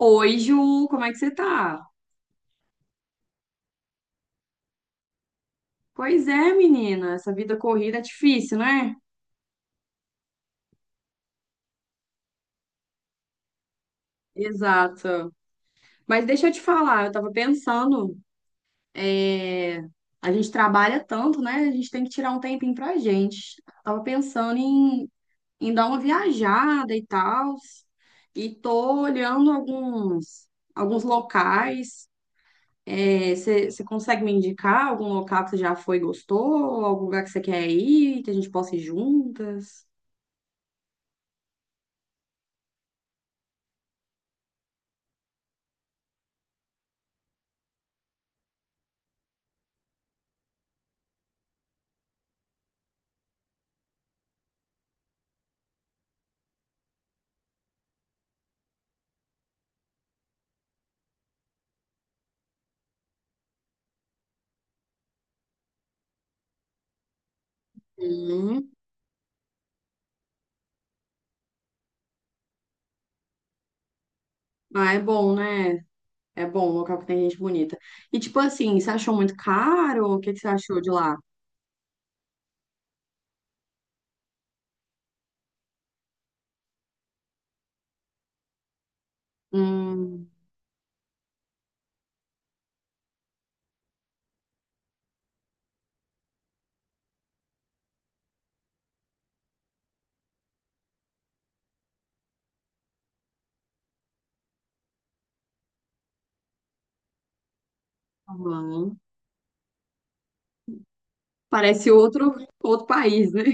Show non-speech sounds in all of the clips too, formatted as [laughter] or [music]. Oi, Ju, como é que você tá? Pois é, menina, essa vida corrida é difícil, né? Exato. Mas deixa eu te falar, eu tava pensando, é, a gente trabalha tanto, né? A gente tem que tirar um tempinho pra gente. Tava pensando em dar uma viajada e tal, e tô olhando alguns locais. Você consegue me indicar algum local que você já foi e gostou? Algum lugar que você quer ir, que a gente possa ir juntas? Hum. Ah, é bom, né? É bom, um local que tem gente bonita. E tipo assim, você achou muito caro? O que que você achou de lá? Hum, tá bom. Parece outro país, né?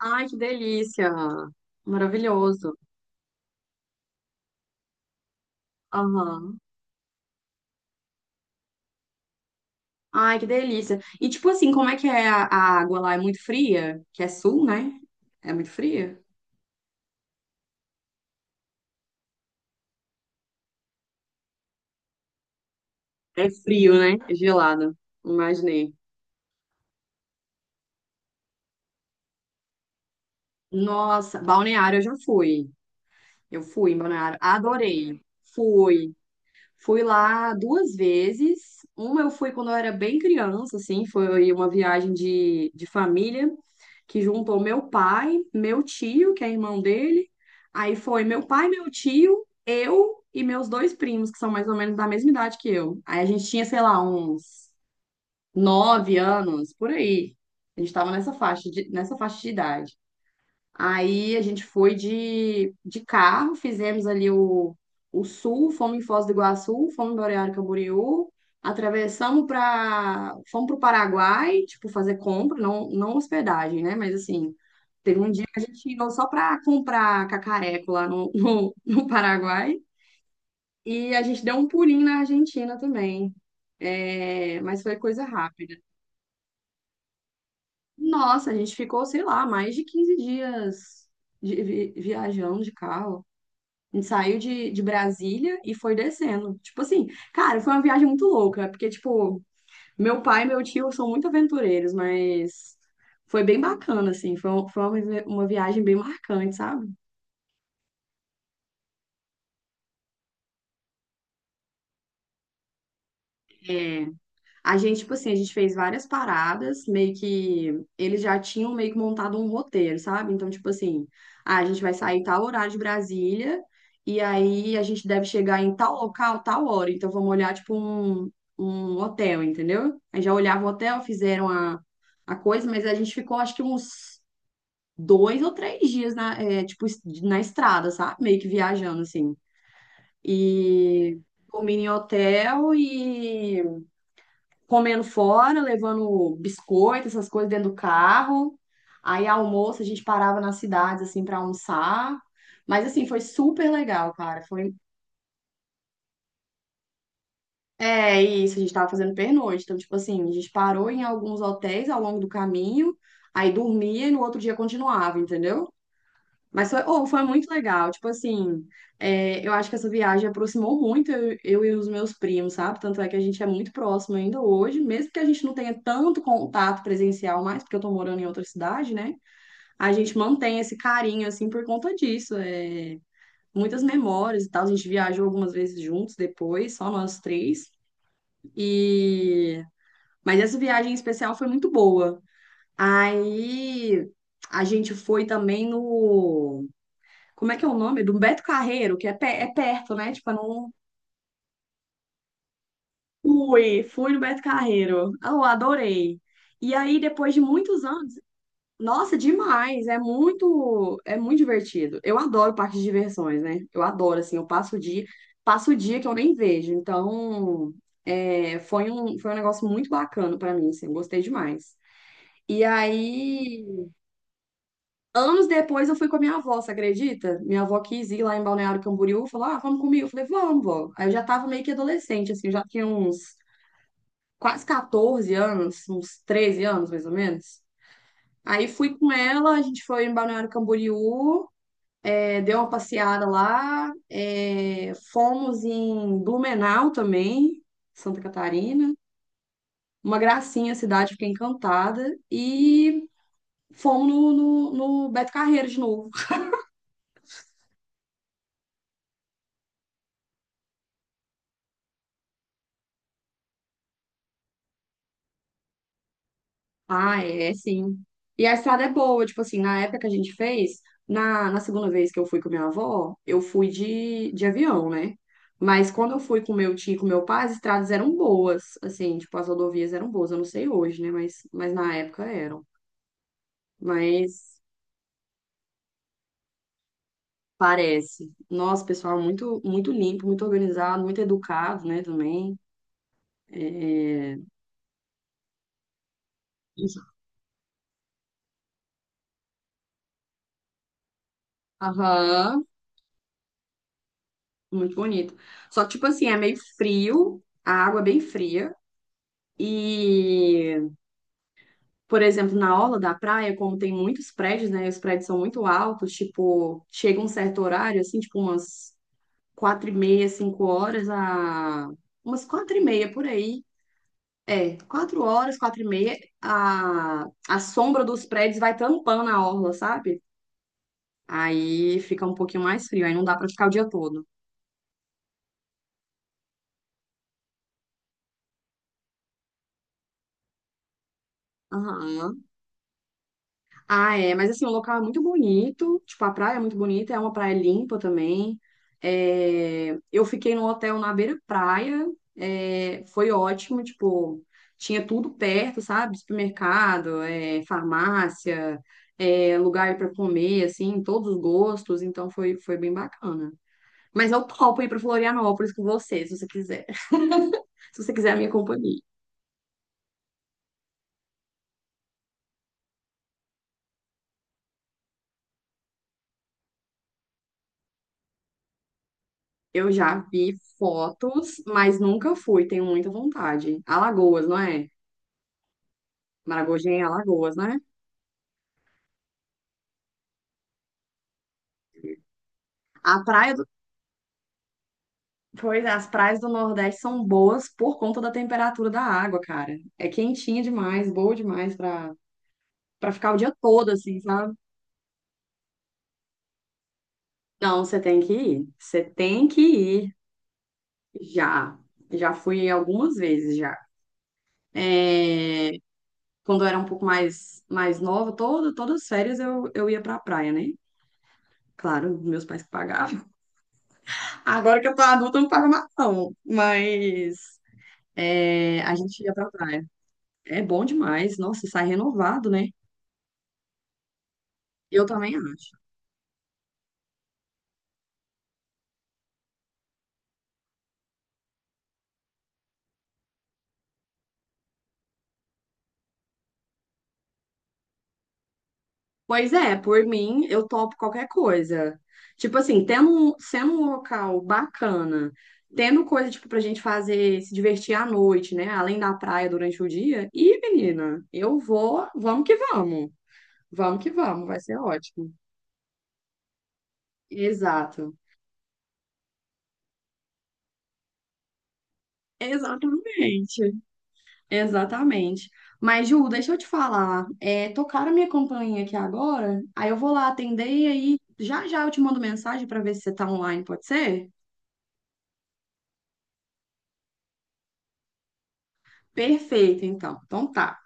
Ai, que delícia. Maravilhoso. Aham. Ai, que delícia. E tipo assim, como é que é a água lá? É muito fria? Que é sul, né? É muito fria? É frio, né? É gelado. Imaginei. Nossa, Balneário eu já fui. Eu fui em Balneário. Adorei. Fui. Fui lá duas vezes. Uma eu fui quando eu era bem criança, assim, foi uma viagem de família que juntou meu pai, meu tio, que é irmão dele. Aí foi meu pai, meu tio, eu e meus dois primos, que são mais ou menos da mesma idade que eu. Aí a gente tinha, sei lá, uns 9 anos, por aí. A gente tava nessa faixa de idade. Aí a gente foi de carro, fizemos ali o sul, fomos em Foz do Iguaçu, fomos em Balneário Camboriú, atravessamos para, fomos para o Paraguai, tipo, fazer compra, não, não hospedagem, né? Mas assim, teve um dia que a gente indo só para comprar cacareco lá no Paraguai e a gente deu um pulinho na Argentina também. É, mas foi coisa rápida. Nossa, a gente ficou, sei lá, mais de 15 dias de viajando de carro. A gente saiu de Brasília e foi descendo. Tipo assim, cara, foi uma viagem muito louca, porque, tipo, meu pai e meu tio são muito aventureiros, mas foi bem bacana, assim. Foi, um- foi uma, vi- Uma viagem bem marcante, sabe? A gente, tipo assim, a gente fez várias paradas, meio que eles já tinham meio que montado um roteiro, sabe? Então, tipo assim, ah, a gente vai sair tal horário de Brasília e aí a gente deve chegar em tal local, tal hora. Então, vamos olhar, um hotel, entendeu? Aí já olhava o hotel, fizeram a coisa, mas a gente ficou, acho que uns 2 ou 3 dias na, é, tipo, es- na estrada, sabe? Meio que viajando, assim. E dormindo em hotel e comendo fora, levando biscoito, essas coisas dentro do carro. Aí almoço a gente parava nas cidades assim para almoçar. Mas assim, foi super legal, cara. Foi É isso, a gente tava fazendo pernoite. Então, tipo assim, a gente parou em alguns hotéis ao longo do caminho, aí dormia e no outro dia continuava, entendeu? Mas foi, oh, foi muito legal. Tipo assim, eu acho que essa viagem aproximou muito eu e os meus primos, sabe? Tanto é que a gente é muito próximo ainda hoje, mesmo que a gente não tenha tanto contato presencial mais, porque eu tô morando em outra cidade, né? A gente mantém esse carinho, assim, por conta disso. É, muitas memórias e tal. A gente viajou algumas vezes juntos depois, só nós três. E... Mas essa viagem em especial foi muito boa. Aí a gente foi também no. Como é que é o nome? Do Beto Carreiro, que é, é perto, né? Tipo, eu não fui, fui no Beto Carreiro. Ah, eu adorei. E aí, depois de muitos anos, nossa, demais, é muito divertido. Eu adoro parques de diversões, né? Eu adoro, assim, eu passo o dia que eu nem vejo. Então, foi um negócio muito bacana pra mim, assim, eu gostei demais. E aí, anos depois eu fui com a minha avó, você acredita? Minha avó quis ir lá em Balneário Camboriú, falou: Ah, vamos comigo. Eu falei: Vamos, vó. Aí eu já tava meio que adolescente, assim, eu já tinha uns quase 14 anos, uns 13 anos mais ou menos. Aí fui com ela, a gente foi em Balneário Camboriú, deu uma passeada lá, fomos em Blumenau também, Santa Catarina. Uma gracinha a cidade, fiquei encantada. E fomos no Beto Carreiro de novo. Ah, é, sim. E a estrada é boa, tipo assim, na época que a gente fez, na segunda vez que eu fui com minha avó, eu fui de avião, né? Mas quando eu fui com meu tio e com meu pai, as estradas eram boas, assim, tipo, as rodovias eram boas, eu não sei hoje, né? Mas na época eram. Mas parece. Nossa, pessoal, muito, muito limpo, muito organizado, muito educado, né, também. É... Aham, muito bonito. Só que, tipo assim, é meio frio, a água é bem fria. E, por exemplo, na orla da praia, como tem muitos prédios, né? Os prédios são muito altos, tipo, chega um certo horário, assim, tipo umas 4h30, 5 horas, umas 4h30 por aí. É, 4 horas, 4h30, a sombra dos prédios vai tampando a orla, sabe? Aí fica um pouquinho mais frio, aí não dá pra ficar o dia todo. Aham. Ah, é, mas assim, o local é muito bonito, tipo, a praia é muito bonita, é uma praia limpa também. É, eu fiquei num hotel na beira-praia, é, foi ótimo, tipo, tinha tudo perto, sabe? Supermercado, é, farmácia, é, lugar para comer, assim, todos os gostos, então foi, foi bem bacana. Mas eu topo ir para Florianópolis com você, se você quiser. [laughs] Se você quiser a minha companhia. Eu já vi fotos, mas nunca fui, tenho muita vontade. Alagoas, não é? Maragogi é em Alagoas, né? A praia do... Pois é, as praias do Nordeste são boas por conta da temperatura da água, cara. É quentinha demais, boa demais pra ficar o dia todo, assim, sabe? Não, você tem que ir. Você tem que ir. Já. Já fui algumas vezes já. É, quando eu era um pouco mais nova, todas as férias eu ia pra praia, né? Claro, meus pais que pagavam. Agora que eu tô adulta, eu não pago mais não. Mas é, a gente ia pra praia. É bom demais. Nossa, sai renovado, né? Eu também acho. Pois é, por mim, eu topo qualquer coisa. Tipo assim, sendo um local bacana, tendo coisa, tipo, pra gente fazer, se divertir à noite, né? Além da praia durante o dia. Ih, menina, eu vou, vamos que vamos. Vamos que vamos, vai ser ótimo. Exato. Exatamente. Exatamente. Mas, Ju, deixa eu te falar. É, tocaram a minha campainha aqui agora, aí eu vou lá atender e aí já já eu te mando mensagem para ver se você tá online, pode ser? Perfeito, então. Então tá.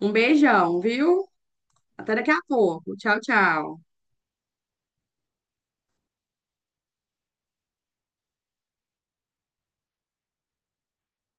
Um beijão, viu? Até daqui a pouco. Tchau, tchau.